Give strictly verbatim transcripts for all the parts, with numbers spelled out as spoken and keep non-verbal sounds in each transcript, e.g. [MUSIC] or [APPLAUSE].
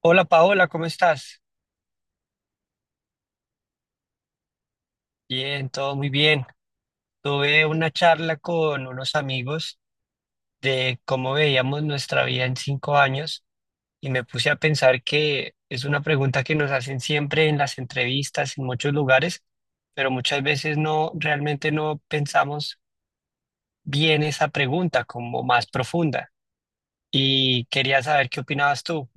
Hola Paola, ¿cómo estás? Bien, todo muy bien. Tuve una charla con unos amigos de cómo veíamos nuestra vida en cinco años y me puse a pensar que es una pregunta que nos hacen siempre en las entrevistas, en muchos lugares, pero muchas veces no, realmente no pensamos bien esa pregunta como más profunda. Y quería saber qué opinabas tú.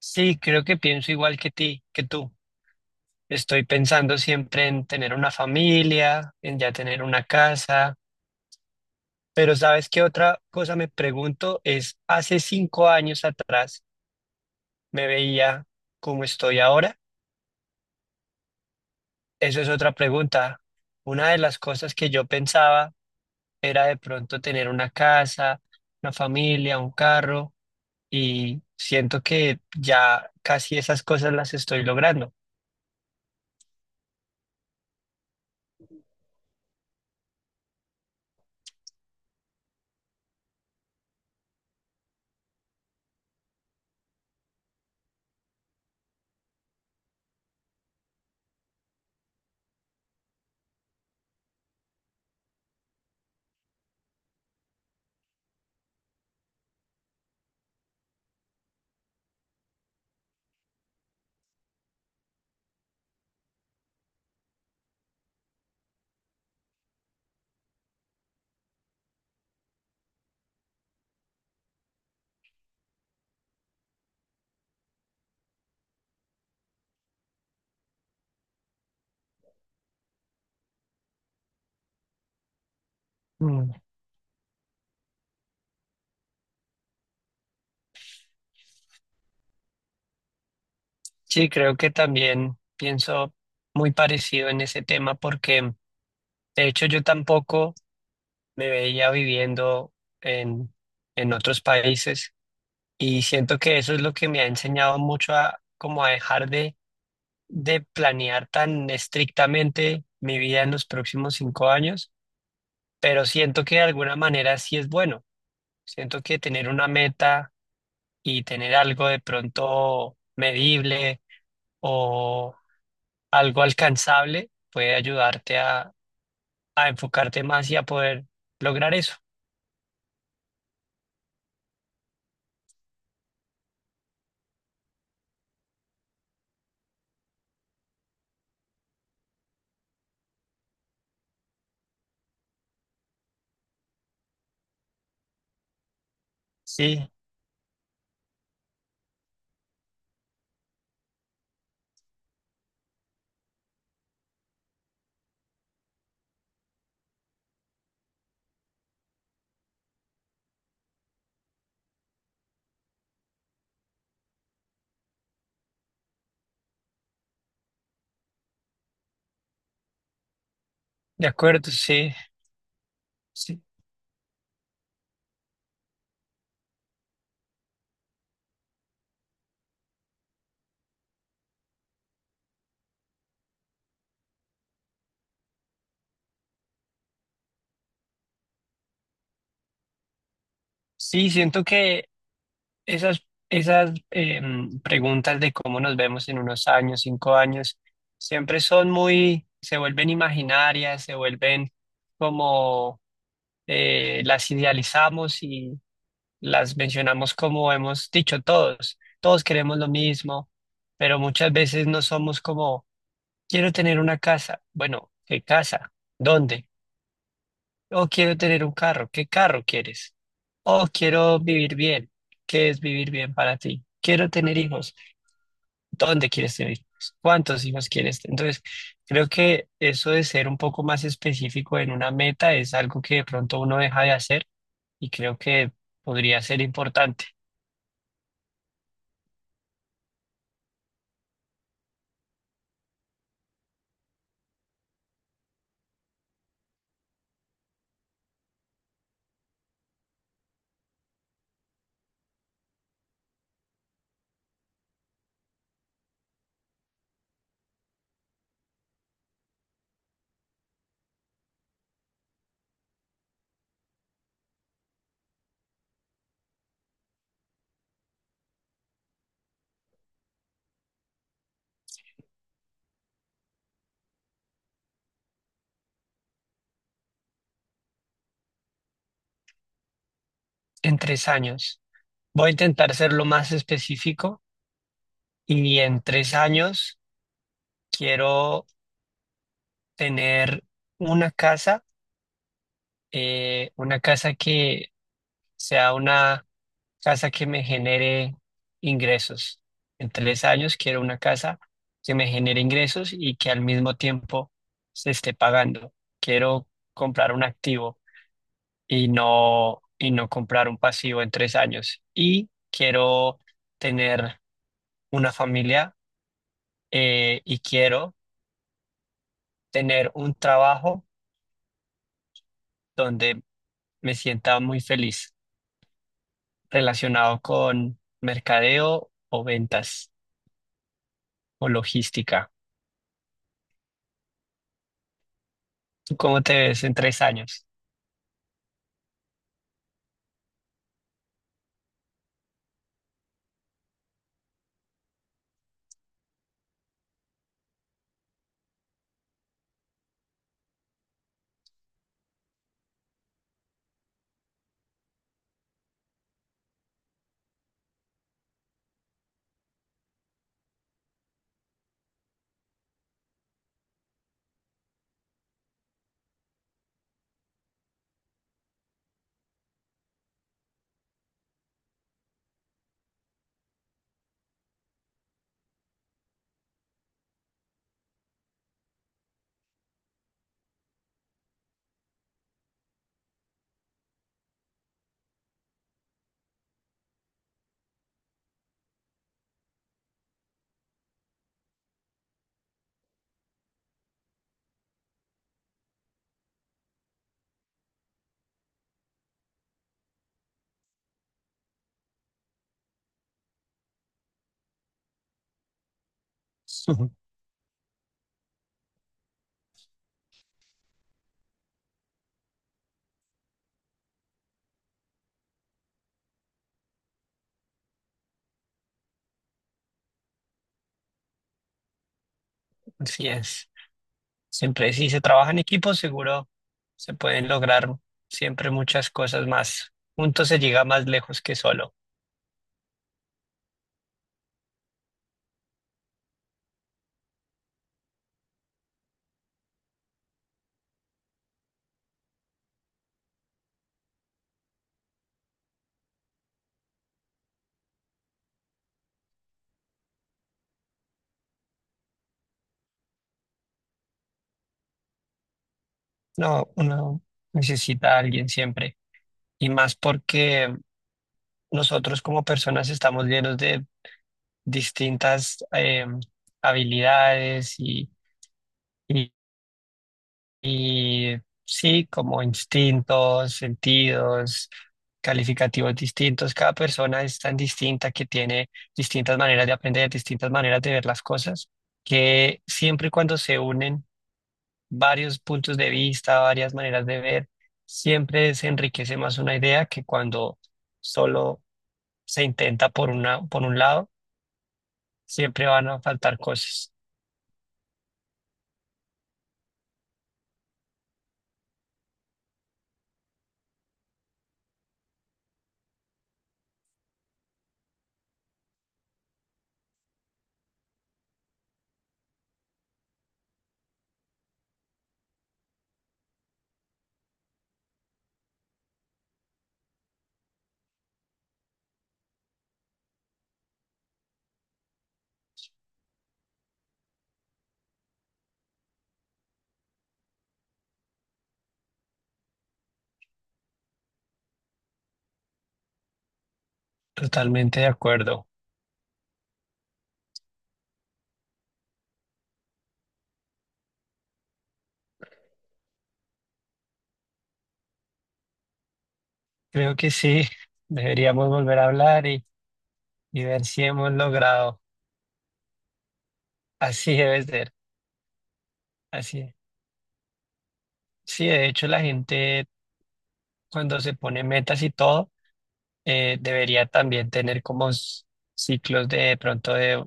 Sí, creo que pienso igual que ti, que tú. Estoy pensando siempre en tener una familia, en ya tener una casa, pero ¿sabes qué otra cosa me pregunto? Es, hace cinco años atrás me veía como estoy ahora. Eso es otra pregunta. Una de las cosas que yo pensaba era de pronto tener una casa, una familia, un carro, y siento que ya casi esas cosas las estoy logrando. Mm. Sí, creo que también pienso muy parecido en ese tema porque... De hecho, yo tampoco me veía viviendo en, en otros países y siento que eso es lo que me ha enseñado mucho a como a dejar de, de planear tan estrictamente mi vida en los próximos cinco años, pero siento que de alguna manera sí es bueno. Siento que tener una meta y tener algo de pronto medible o algo alcanzable puede ayudarte a, a enfocarte más y a poder lograr eso. Sí, de acuerdo, sí. Sí, sí, siento que esas, esas em, preguntas de cómo nos vemos en unos años, cinco años, siempre son muy, se vuelven imaginarias, se vuelven como eh, las idealizamos y las mencionamos como hemos dicho todos. Todos queremos lo mismo, pero muchas veces no somos como, quiero tener una casa. Bueno, ¿qué casa? ¿Dónde? O quiero tener un carro. ¿Qué carro quieres? O quiero vivir bien. ¿Qué es vivir bien para ti? Quiero tener hijos. ¿Dónde quieres tener hijos? ¿Cuántos hijos quieres? Entonces, creo que eso de ser un poco más específico en una meta es algo que de pronto uno deja de hacer y creo que podría ser importante en tres años. Voy a intentar ser lo más específico y en tres años quiero tener una casa, eh, una casa que sea una casa que me genere ingresos. En tres años quiero una casa que me genere ingresos y que al mismo tiempo se esté pagando. Quiero comprar un activo y no, y no comprar un pasivo en tres años. Y quiero tener una familia eh, y quiero tener un trabajo donde me sienta muy feliz relacionado con mercadeo o ventas o logística. ¿Cómo te ves en tres años? [LAUGHS] Así es. Siempre, si se trabaja en equipo, seguro se pueden lograr siempre muchas cosas más. Juntos se llega más lejos que solo. No, uno necesita a alguien siempre. Y más porque nosotros como personas estamos llenos de distintas eh, habilidades. y, Y sí, como instintos, sentidos, calificativos distintos. Cada persona es tan distinta que tiene distintas maneras de aprender, distintas maneras de ver las cosas, que siempre y cuando se unen varios puntos de vista, varias maneras de ver, siempre se enriquece más una idea que cuando solo se intenta por una, por un lado, siempre van a faltar cosas. Totalmente de acuerdo. Creo que sí, [LAUGHS] deberíamos volver a hablar y ver si hemos logrado. Así debe ser, así es. Sí, de hecho la gente cuando se pone metas y todo, eh, debería también tener como s- ciclos de, de pronto de,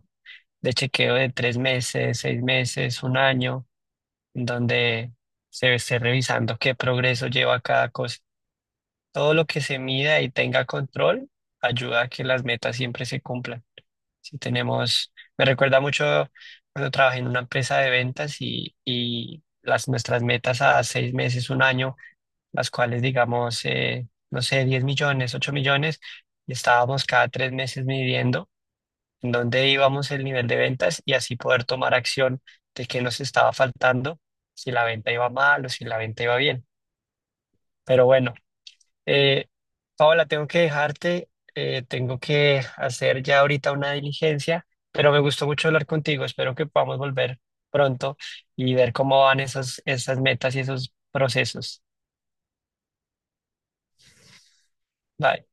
de chequeo de tres meses, seis meses, un año, en donde se esté revisando qué progreso lleva cada cosa. Todo lo que se mida y tenga control ayuda a que las metas siempre se cumplan. Si tenemos, Me recuerda mucho cuando trabajé en una empresa de ventas y, y las, nuestras metas a seis meses, un año, las cuales digamos, eh, no sé, diez millones, ocho millones, y estábamos cada tres meses midiendo en dónde íbamos el nivel de ventas y así poder tomar acción de qué nos estaba faltando, si la venta iba mal o si la venta iba bien. Pero bueno, eh, Paola, tengo que dejarte, eh, tengo que hacer ya ahorita una diligencia, pero me gustó mucho hablar contigo. Espero que podamos volver pronto y ver cómo van esas, esas metas y esos procesos. Bye.